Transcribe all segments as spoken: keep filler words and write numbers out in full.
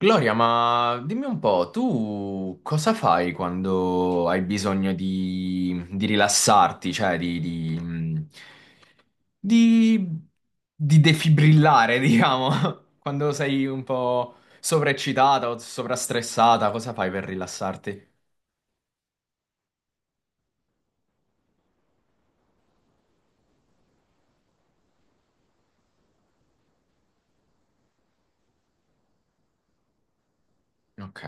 Gloria, ma dimmi un po', tu cosa fai quando hai bisogno di, di rilassarti, cioè di, di, mh, di- di defibrillare, diciamo, quando sei un po' sovraeccitata o sovrastressata, cosa fai per rilassarti? Ok,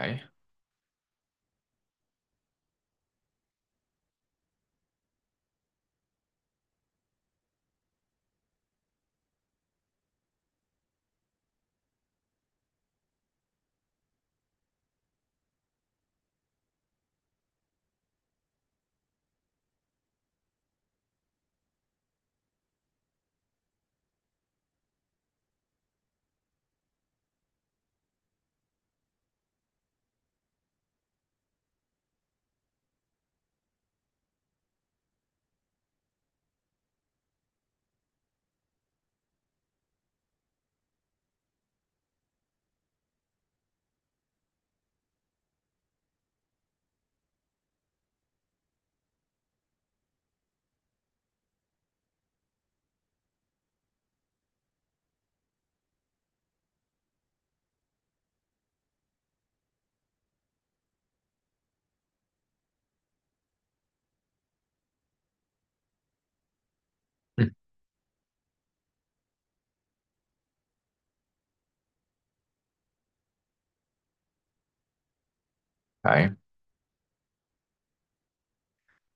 ok.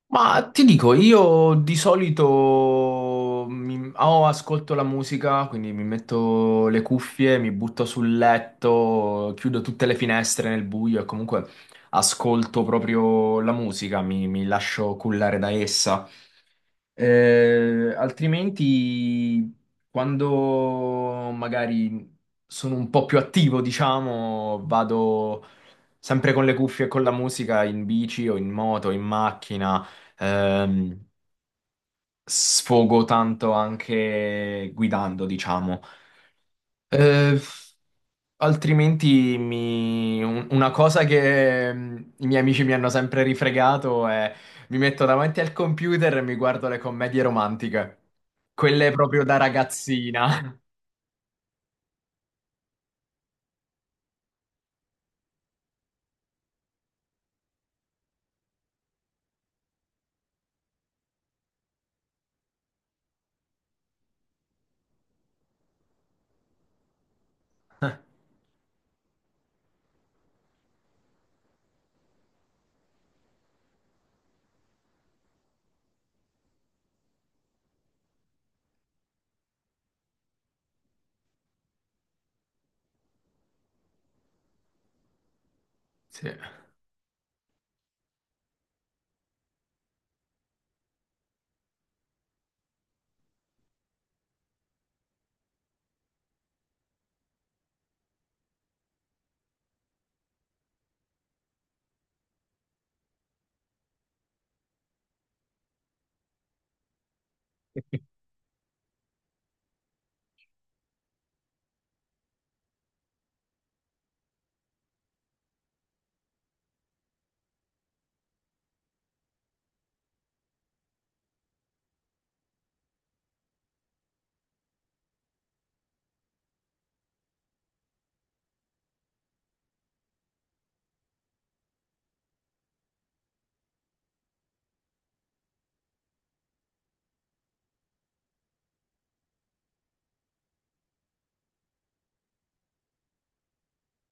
Ma ti dico, io di solito mi- o ascolto la musica, quindi mi metto le cuffie, mi butto sul letto, chiudo tutte le finestre nel buio e comunque ascolto proprio la musica, mi, mi lascio cullare da essa. Eh, altrimenti, quando magari sono un po' più attivo, diciamo, vado sempre con le cuffie e con la musica in bici o in moto, in macchina, ehm, sfogo tanto anche guidando, diciamo. Eh, Altrimenti mi- un- una cosa che mm, i miei amici mi hanno sempre rifregato è mi metto davanti al computer e mi guardo le commedie romantiche. Quelle proprio da ragazzina. Sì.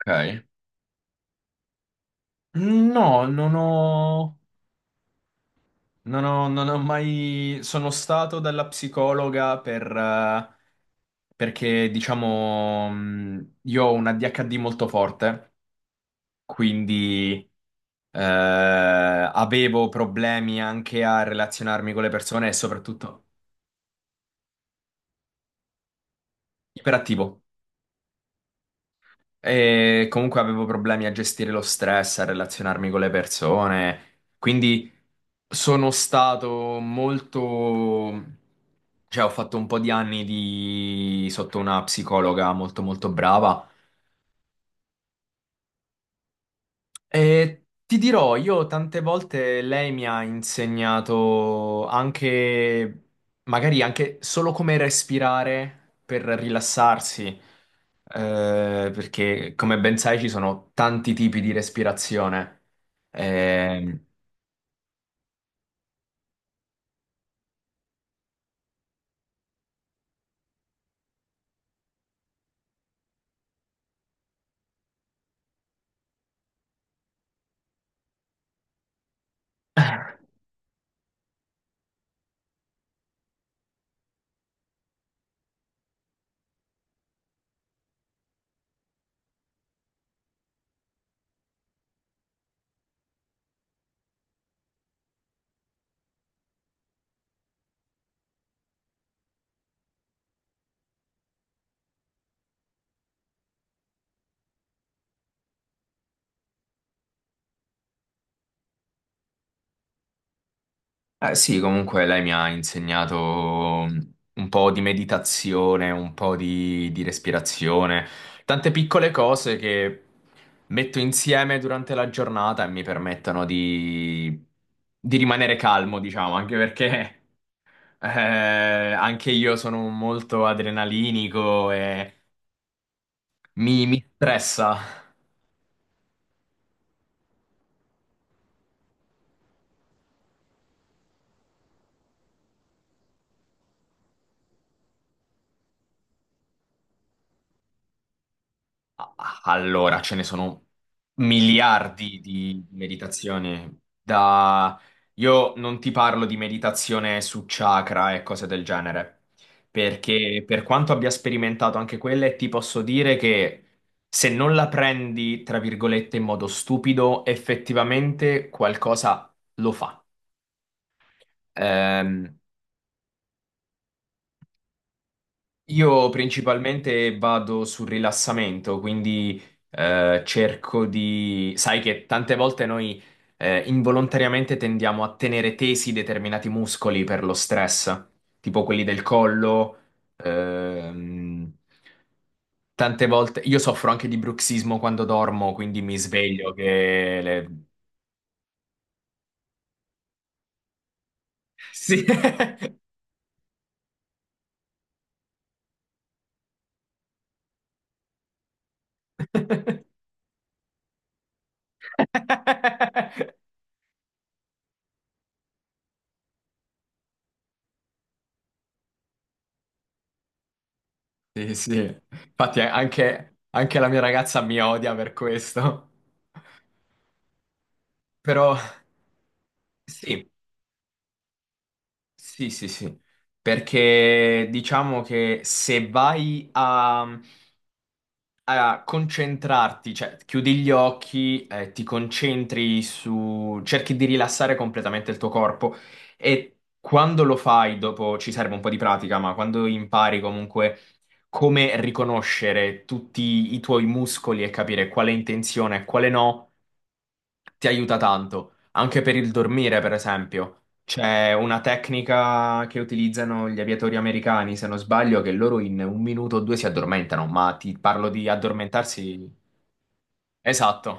Ok. No, non ho, non ho- non ho mai... Sono stato dalla psicologa per, eh, perché, diciamo, mh, io ho un A D H D molto forte, quindi. Eh, avevo problemi anche a relazionarmi con le persone e soprattutto iperattivo. E comunque avevo problemi a gestire lo stress, a relazionarmi con le persone. Quindi sono stato molto... Cioè, ho fatto un po' di anni di... sotto una psicologa molto molto brava. Eh, ti dirò, io tante volte lei mi ha insegnato anche, magari anche solo come respirare per rilassarsi, eh, perché come ben sai ci sono tanti tipi di respirazione. Certo. Eh, eh sì, comunque lei mi ha insegnato un po' di meditazione, un po' di, di respirazione, tante piccole cose che metto insieme durante la giornata e mi permettono di, di rimanere calmo, diciamo, anche perché eh, anche io sono molto adrenalinico e mi, mi stressa. Allora, ce ne sono miliardi di meditazioni. Da... Io non ti parlo di meditazione su chakra e cose del genere, perché per quanto abbia sperimentato anche quelle, ti posso dire che se non la prendi, tra virgolette, in modo stupido, effettivamente qualcosa lo fa. Ehm, Io principalmente vado sul rilassamento, quindi eh, cerco di... Sai che tante volte noi eh, involontariamente tendiamo a tenere tesi determinati muscoli per lo stress, tipo quelli del collo. ehm, Tante volte io soffro anche di bruxismo quando dormo, quindi mi sveglio che... le- Sì. Sì, sì. Infatti eh, anche, anche la mia ragazza mi odia per questo. Però sì, sì, sì, sì. Perché diciamo che se vai a a concentrarti, cioè chiudi gli occhi, eh, ti concentri su, cerchi di rilassare completamente il tuo corpo e quando lo fai, dopo ci serve un po' di pratica, ma quando impari comunque come riconoscere tutti i tuoi muscoli e capire quale è in tensione e quale no ti aiuta tanto, anche per il dormire, per esempio. C'è una tecnica che utilizzano gli aviatori americani, se non sbaglio, che loro in un minuto o due si addormentano, ma ti parlo di addormentarsi. Esatto.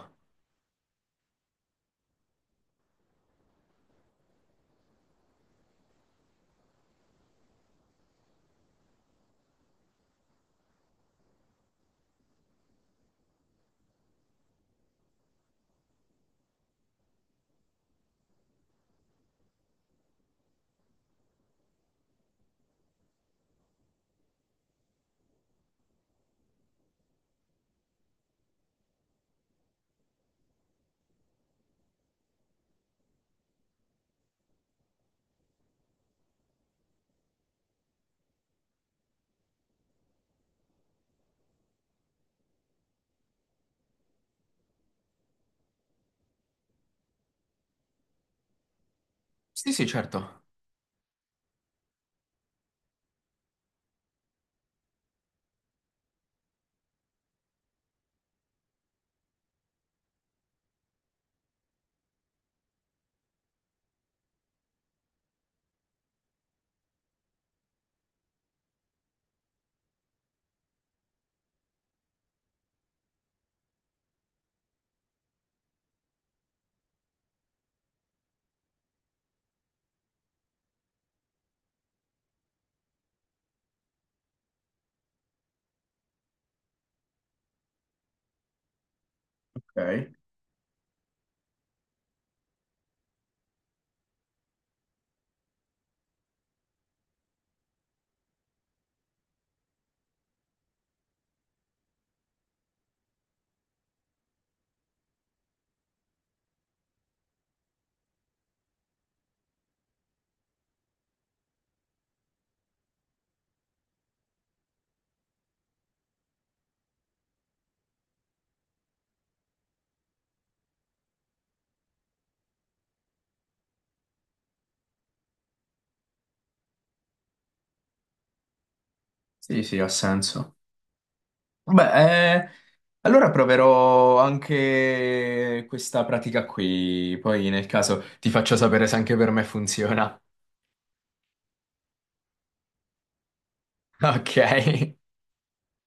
Sì, sì, certo. Ok, sì, sì, ha senso. Beh, eh, allora proverò anche questa pratica qui, poi nel caso ti faccio sapere se anche per me funziona. Ok.